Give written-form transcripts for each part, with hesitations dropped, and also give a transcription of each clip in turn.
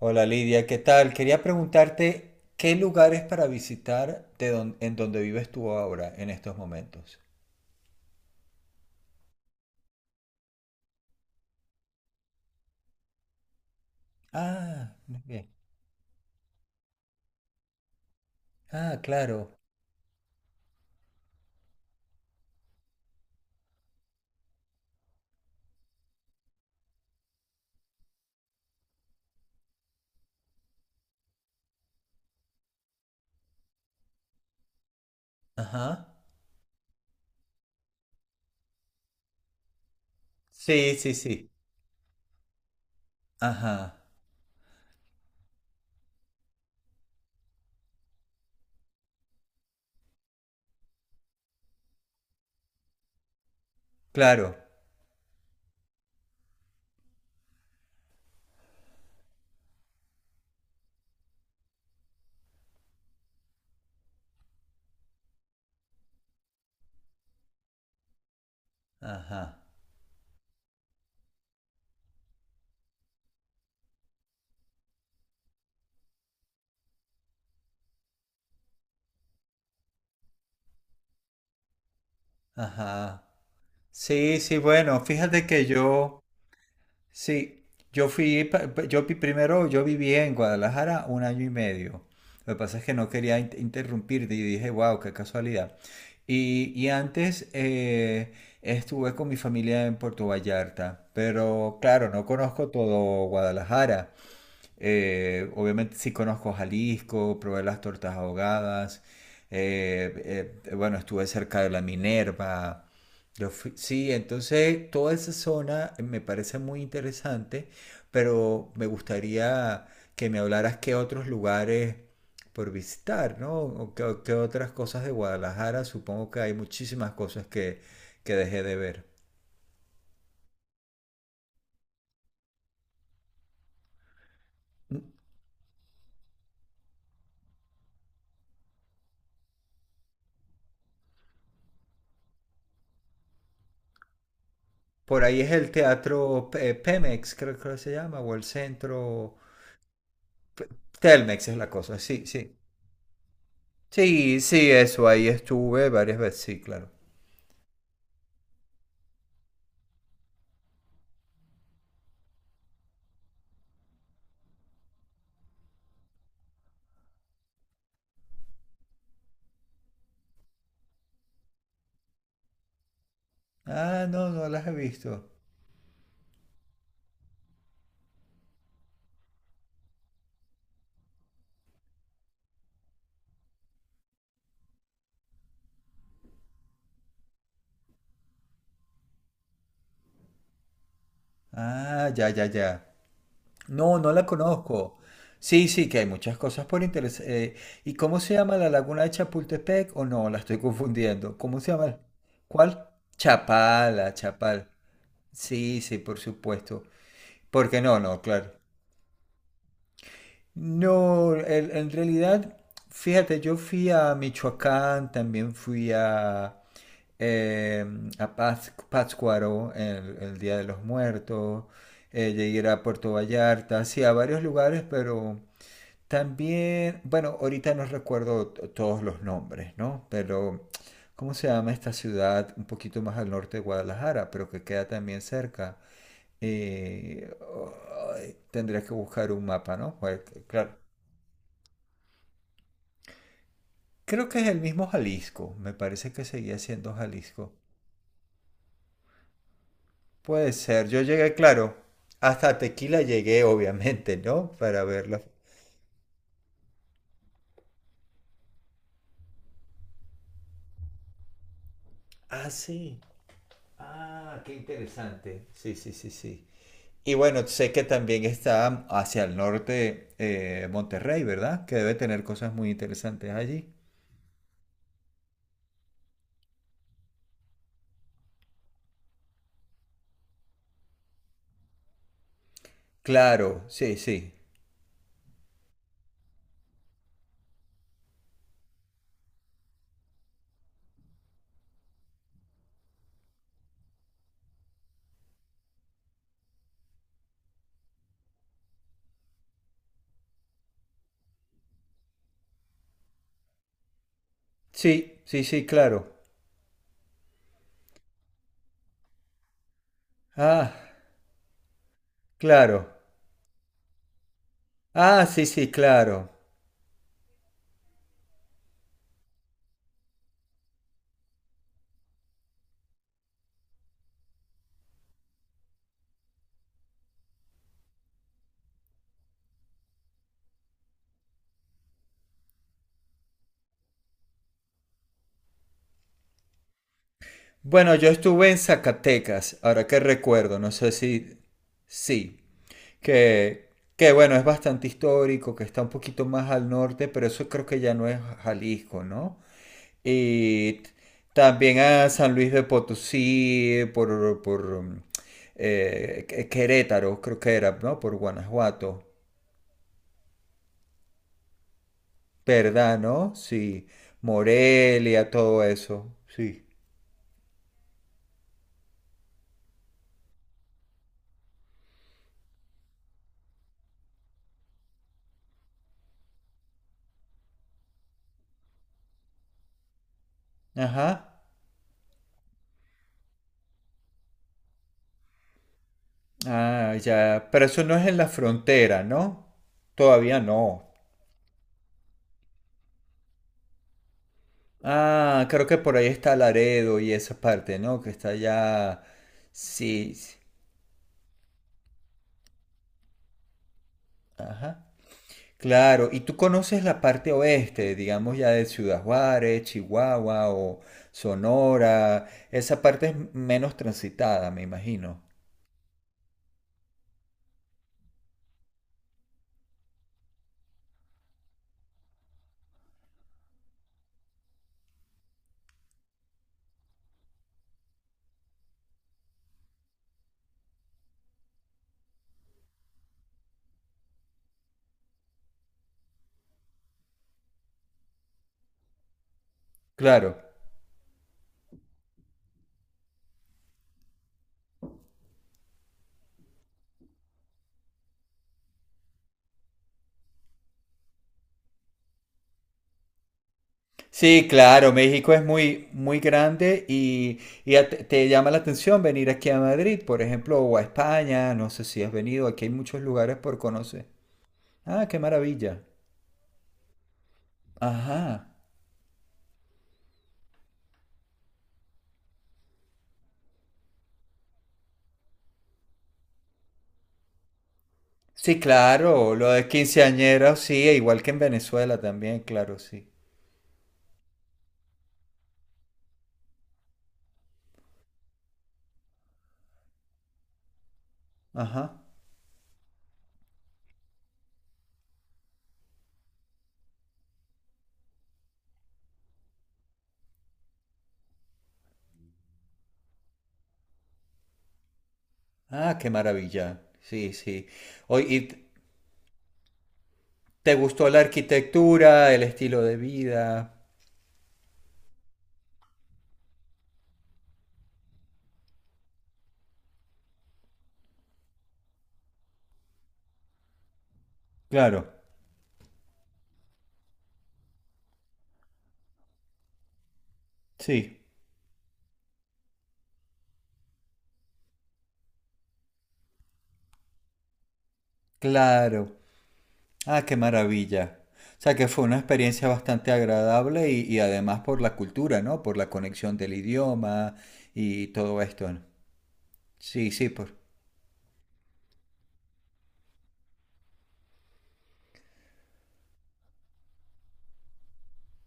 Hola Lidia, ¿qué tal? Quería preguntarte qué lugares para visitar en donde vives tú ahora, en estos momentos. Ah, muy bien. Ah, claro. Ajá. Sí, sí, sí. Ajá. Claro. Ajá. Ajá. Sí, sí, bueno, fíjate que yo, sí, yo fui, pa- pa- yo vi- primero yo viví en Guadalajara un año y medio. Lo que pasa es que no quería interrumpirte y dije, wow, qué casualidad. Y antes estuve con mi familia en Puerto Vallarta, pero claro, no conozco todo Guadalajara. Obviamente sí conozco Jalisco, probé las tortas ahogadas. Bueno, estuve cerca de la Minerva. Sí, entonces toda esa zona me parece muy interesante, pero me gustaría que me hablaras qué otros lugares por visitar, ¿no? O qué otras cosas de Guadalajara. Supongo que hay muchísimas cosas que dejé de ver. Por ahí es el teatro Pemex, creo que se llama, o el centro. Telmex es la cosa, sí, sí. Sí, sí, eso, ahí estuve varias veces, sí, claro. Ah, no, no las he visto. Ah, ya, ya, ya. No, no la conozco. Sí, sí, que hay muchas cosas por interés. ¿Y cómo se llama la laguna de Chapultepec? ¿O no? La estoy confundiendo. ¿Cómo se llama? ¿Cuál? Chapala, Chapal. Sí, sí, por supuesto. Porque no, no, claro. No, el en realidad, fíjate, yo fui a Michoacán, también fui eh, a Pátzcuaro el Día de los Muertos, llegué a ir a Puerto Vallarta, sí, a varios lugares, pero también, bueno, ahorita no recuerdo todos los nombres, ¿no? Pero, ¿cómo se llama esta ciudad un poquito más al norte de Guadalajara, pero que queda también cerca? Eh, ay, tendría que buscar un mapa, ¿no? Pues, claro. Creo que es el mismo Jalisco. Me parece que seguía siendo Jalisco. Puede ser. Yo llegué, claro. Hasta Tequila llegué, obviamente, ¿no? Para verla. Ah, sí. Ah, qué interesante. Sí, sí, sí, sí. Y bueno, sé que también está hacia el norte Monterrey, ¿verdad? Que debe tener cosas muy interesantes allí. Claro, sí, sí. Sí, sí, sí, claro. Ah, claro. Ah, sí, sí, claro. Bueno, yo estuve en Zacatecas, ahora que recuerdo, no sé si sí, que, que bueno, es bastante histórico, que está un poquito más al norte, pero eso creo que ya no es Jalisco, ¿no? Y también a San Luis de Potosí, por Querétaro, creo que era, ¿no? Por Guanajuato, ¿verdad, no? Sí, Morelia, todo eso, sí. Ajá. Ah, ya. Pero eso no es en la frontera, ¿no? Todavía no. Ah, creo que por ahí está Laredo y esa parte, ¿no? Que está allá. Sí, sí. Ajá. Claro. Y tú conoces la parte oeste, digamos ya de Ciudad Juárez, Chihuahua o Sonora. Esa parte es menos transitada, me imagino. Claro. Sí, claro, México es muy, muy grande y te llama la atención venir aquí a Madrid, por ejemplo, o a España, no sé si has venido, aquí hay muchos lugares por conocer. Ah, qué maravilla. Ajá. Sí, claro, lo de quinceañeros, sí, e igual que en Venezuela también, claro, sí. Ajá. Ah, qué maravilla. Sí, sí. Oye, ¿y te gustó la arquitectura, el estilo de vida? Claro, sí, claro. Ah, qué maravilla. O sea que fue una experiencia bastante agradable y además por la cultura, ¿no? Por la conexión del idioma y todo esto, ¿no? Sí, sí, por...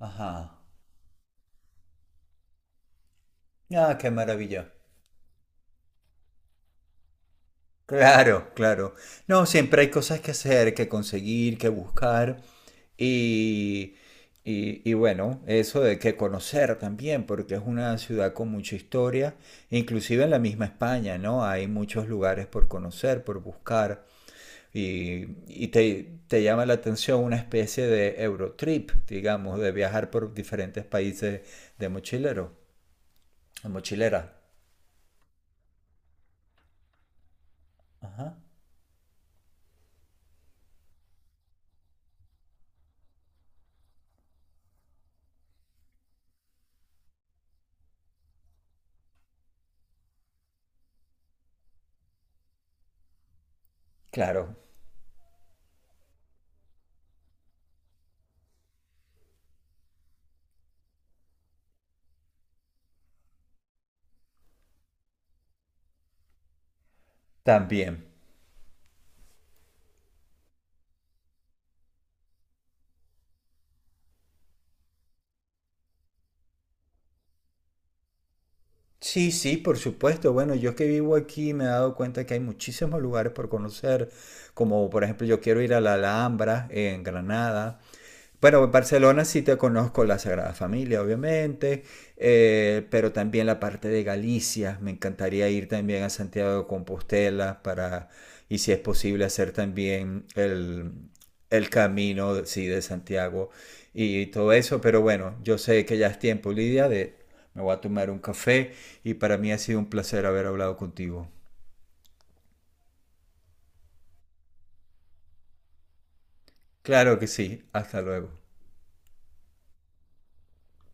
Ajá. Ah, qué maravilla. Claro, claro. No, siempre hay cosas que hacer, que conseguir, que buscar. Y, y bueno, eso de que conocer también, porque es una ciudad con mucha historia, inclusive en la misma España, ¿no? Hay muchos lugares por conocer, por buscar. Y te llama la atención una especie de Eurotrip, digamos, de viajar por diferentes países de mochilero, de mochilera. Ajá. Claro, también. Sí, sí, por supuesto. Bueno, yo que vivo aquí me he dado cuenta que hay muchísimos lugares por conocer, como por ejemplo yo quiero ir a la Alhambra en Granada. Bueno, en Barcelona sí te conozco la Sagrada Familia, obviamente, pero también la parte de Galicia. Me encantaría ir también a Santiago de Compostela para, y si es posible, hacer también el, camino sí, de Santiago y todo eso. Pero bueno, yo sé que ya es tiempo, Lidia, de me voy a tomar un café y para mí ha sido un placer haber hablado contigo. Claro que sí, hasta luego.